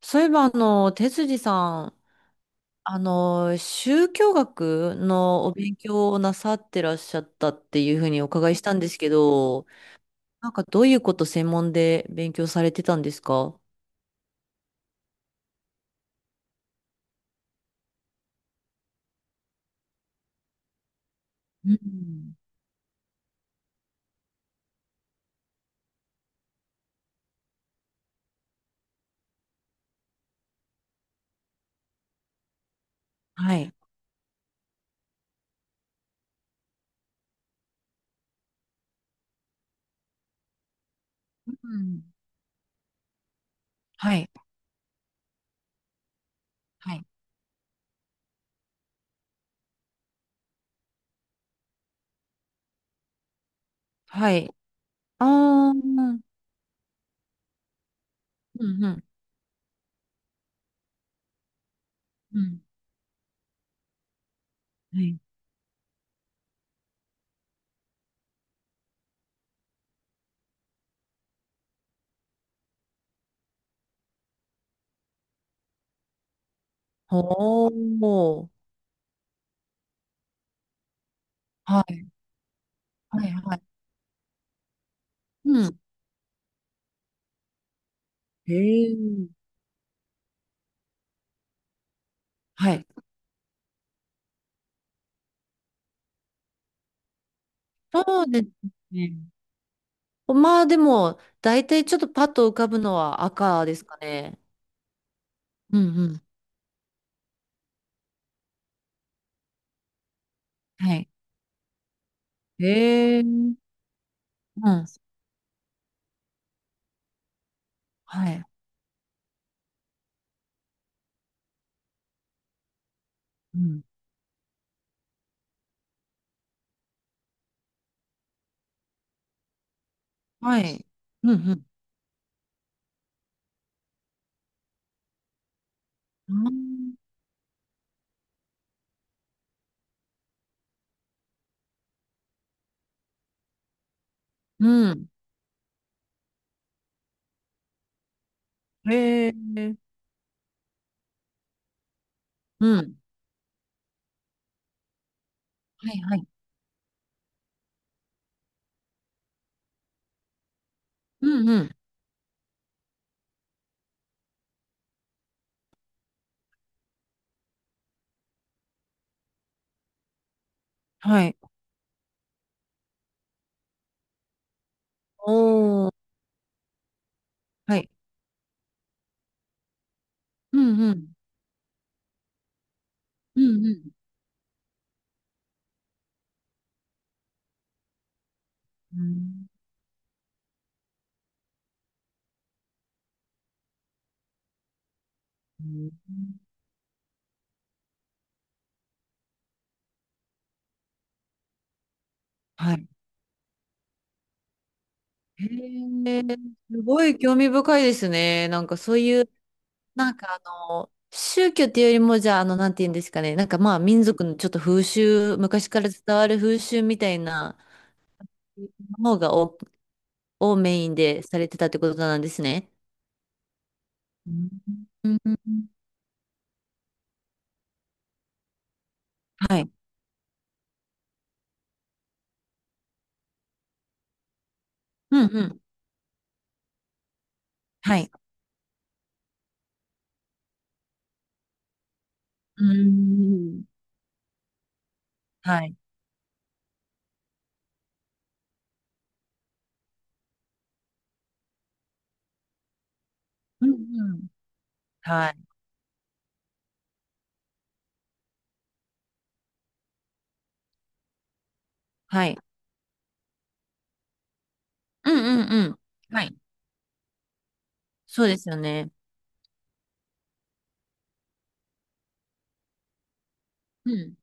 そういえば、哲司さん、宗教学のお勉強をなさってらっしゃったっていうふうにお伺いしたんですけど、なんかどういうこと専門で勉強されてたんですか？うん。はい。うんはい。はい。はい。ああ、うんうん。うん。はい。ほー。はい。はい。はい。うん。へえ。はい。そうですね。まあでも、大体ちょっとパッと浮かぶのは赤ですかね。うんうん。はい。ええうん。はい。うん。はい。うんうん。うん。へえ。うん。はいはい。うんうん。はい。おー。はい。うんうん。うんうん。うん。うんはい。へえ、すごい興味深いですね。なんかそういうなんかあの、宗教っていうよりも、じゃあ、なんて言うんですかね。なんかまあ、民族のちょっと風習、昔から伝わる風習みたいな方がお、をメインでされてたってことなんですね。うんうんうんはい。うんうん。はい。うんはい。うんうん。はい。はい。うんうんうん。はい。そうですよね。うん。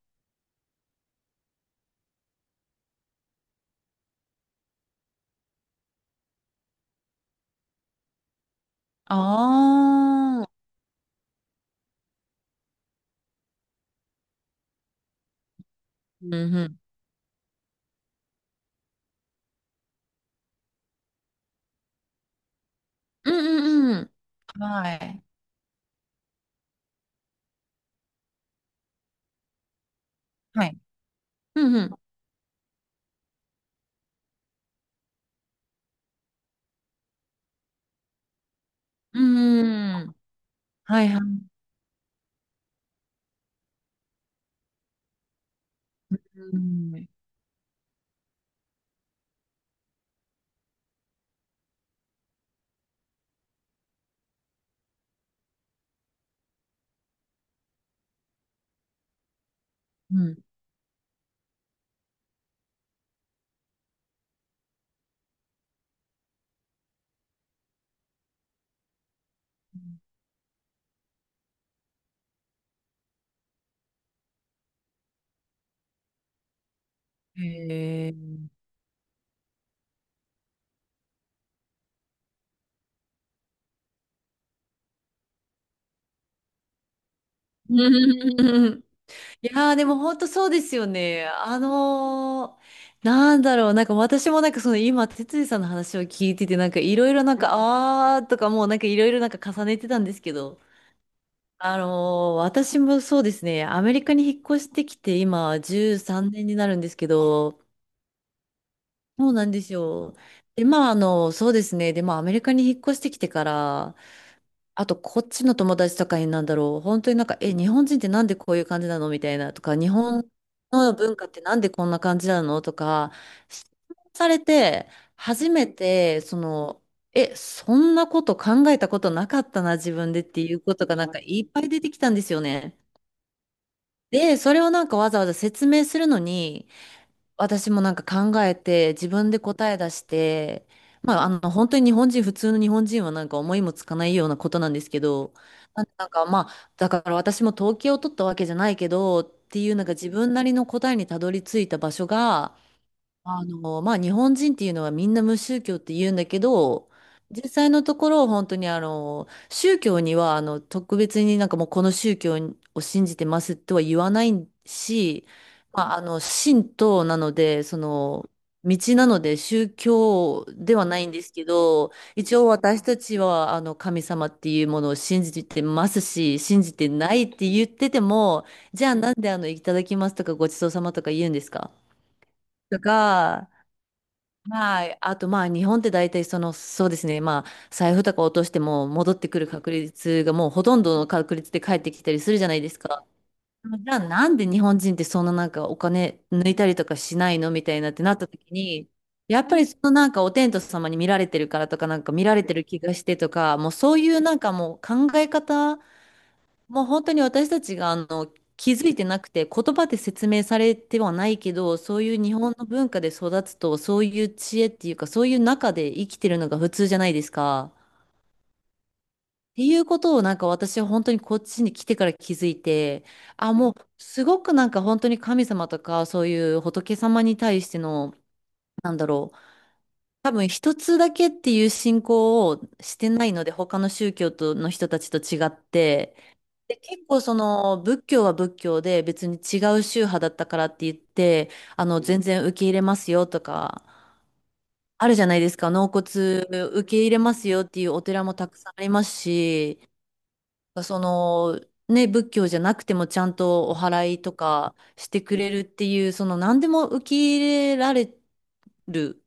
ああ。うんうん。うんうんうん。はい。はい。うんうん。うん。はいはいうん。うんへえ。うん いやーでも本当そうですよね。なんか私もなんかその今、哲司さんの話を聞いてて、なんかいろいろなんか、あーとかもうなんかいろいろなんか重ねてたんですけど、私もそうですね、アメリカに引っ越してきて今13年になるんですけど、そうなんですよ。で、まああの、そうですね、で、まあアメリカに引っ越してきてから、あと、こっちの友達とかになんだろう。本当になんか、え、日本人ってなんでこういう感じなのみたいなとか、日本の文化ってなんでこんな感じなのとか、質問されて、初めて、その、え、そんなこと考えたことなかったな、自分でっていうことがなんかいっぱい出てきたんですよね。で、それをなんかわざわざ説明するのに、私もなんか考えて、自分で答え出して、まあ、本当に日本人、普通の日本人はなんか思いもつかないようなことなんですけど、なんなんかまあ、だから私も統計を取ったわけじゃないけど、っていうなんか自分なりの答えにたどり着いた場所が、まあ、日本人っていうのはみんな無宗教って言うんだけど、実際のところ本当に宗教には特別になんかもうこの宗教を信じてますとは言わないし、まあ、神道なので、その、道なので宗教ではないんですけど、一応私たちは神様っていうものを信じてますし、信じてないって言ってても、じゃあなんでいただきますとかごちそうさまとか言うんですか？とか、はい。あと、まあ、日本って大体、その、そうですね。まあ、財布とか落としても、戻ってくる確率がもうほとんどの確率で返ってきたりするじゃないですか。じゃあ、なんで日本人ってそんななんかお金抜いたりとかしないのみたいなってなった時に、やっぱりそのなんかお天道様に見られてるからとか、なんか見られてる気がしてとか、もうそういうなんかもう考え方もう本当に私たちが気づいてなくて言葉で説明されてはないけどそういう日本の文化で育つとそういう知恵っていうかそういう中で生きてるのが普通じゃないですか。っていうことをなんか私は本当にこっちに来てから気づいて、あ、もうすごくなんか本当に神様とかそういう仏様に対してのなんだろう、多分一つだけっていう信仰をしてないので他の宗教との人たちと違って。で、結構その仏教は仏教で別に違う宗派だったからって言って、全然受け入れますよとか、あるじゃないですか、納骨受け入れますよっていうお寺もたくさんありますし、その、ね、仏教じゃなくてもちゃんとお祓いとかしてくれるっていう、その何でも受け入れられる、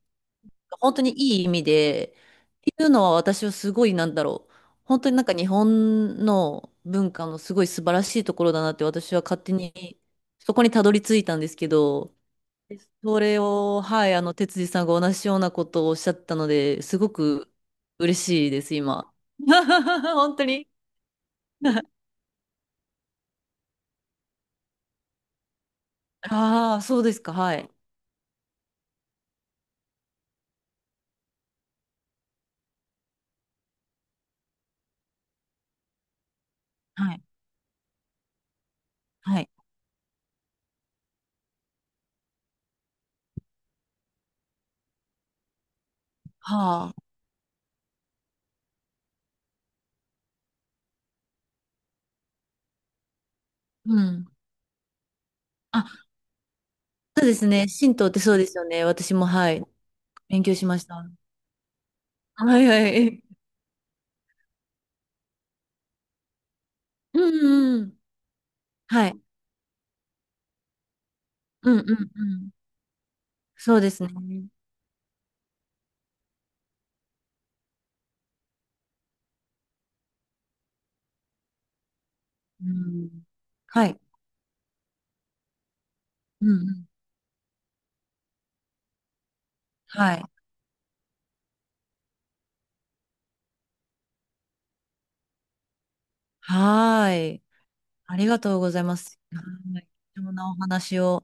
本当にいい意味で、っていうのは私はすごい、なんだろう、本当になんか日本の文化のすごい素晴らしいところだなって私は勝手にそこにたどり着いたんですけど、それを、はい、哲司さんが同じようなことをおっしゃったので、すごく嬉しいです、今。本当に。ああ、そうですか、はい。はい。はい。はあ。うん。あ、そうですね。神道ってそうですよね。私も、はい。勉強しました。はいはい。うんうん。はい。うんうんうん。そうですね。うん。はい。うんうん。はい。はーい。ありがとうございます。はい、貴重なお話を。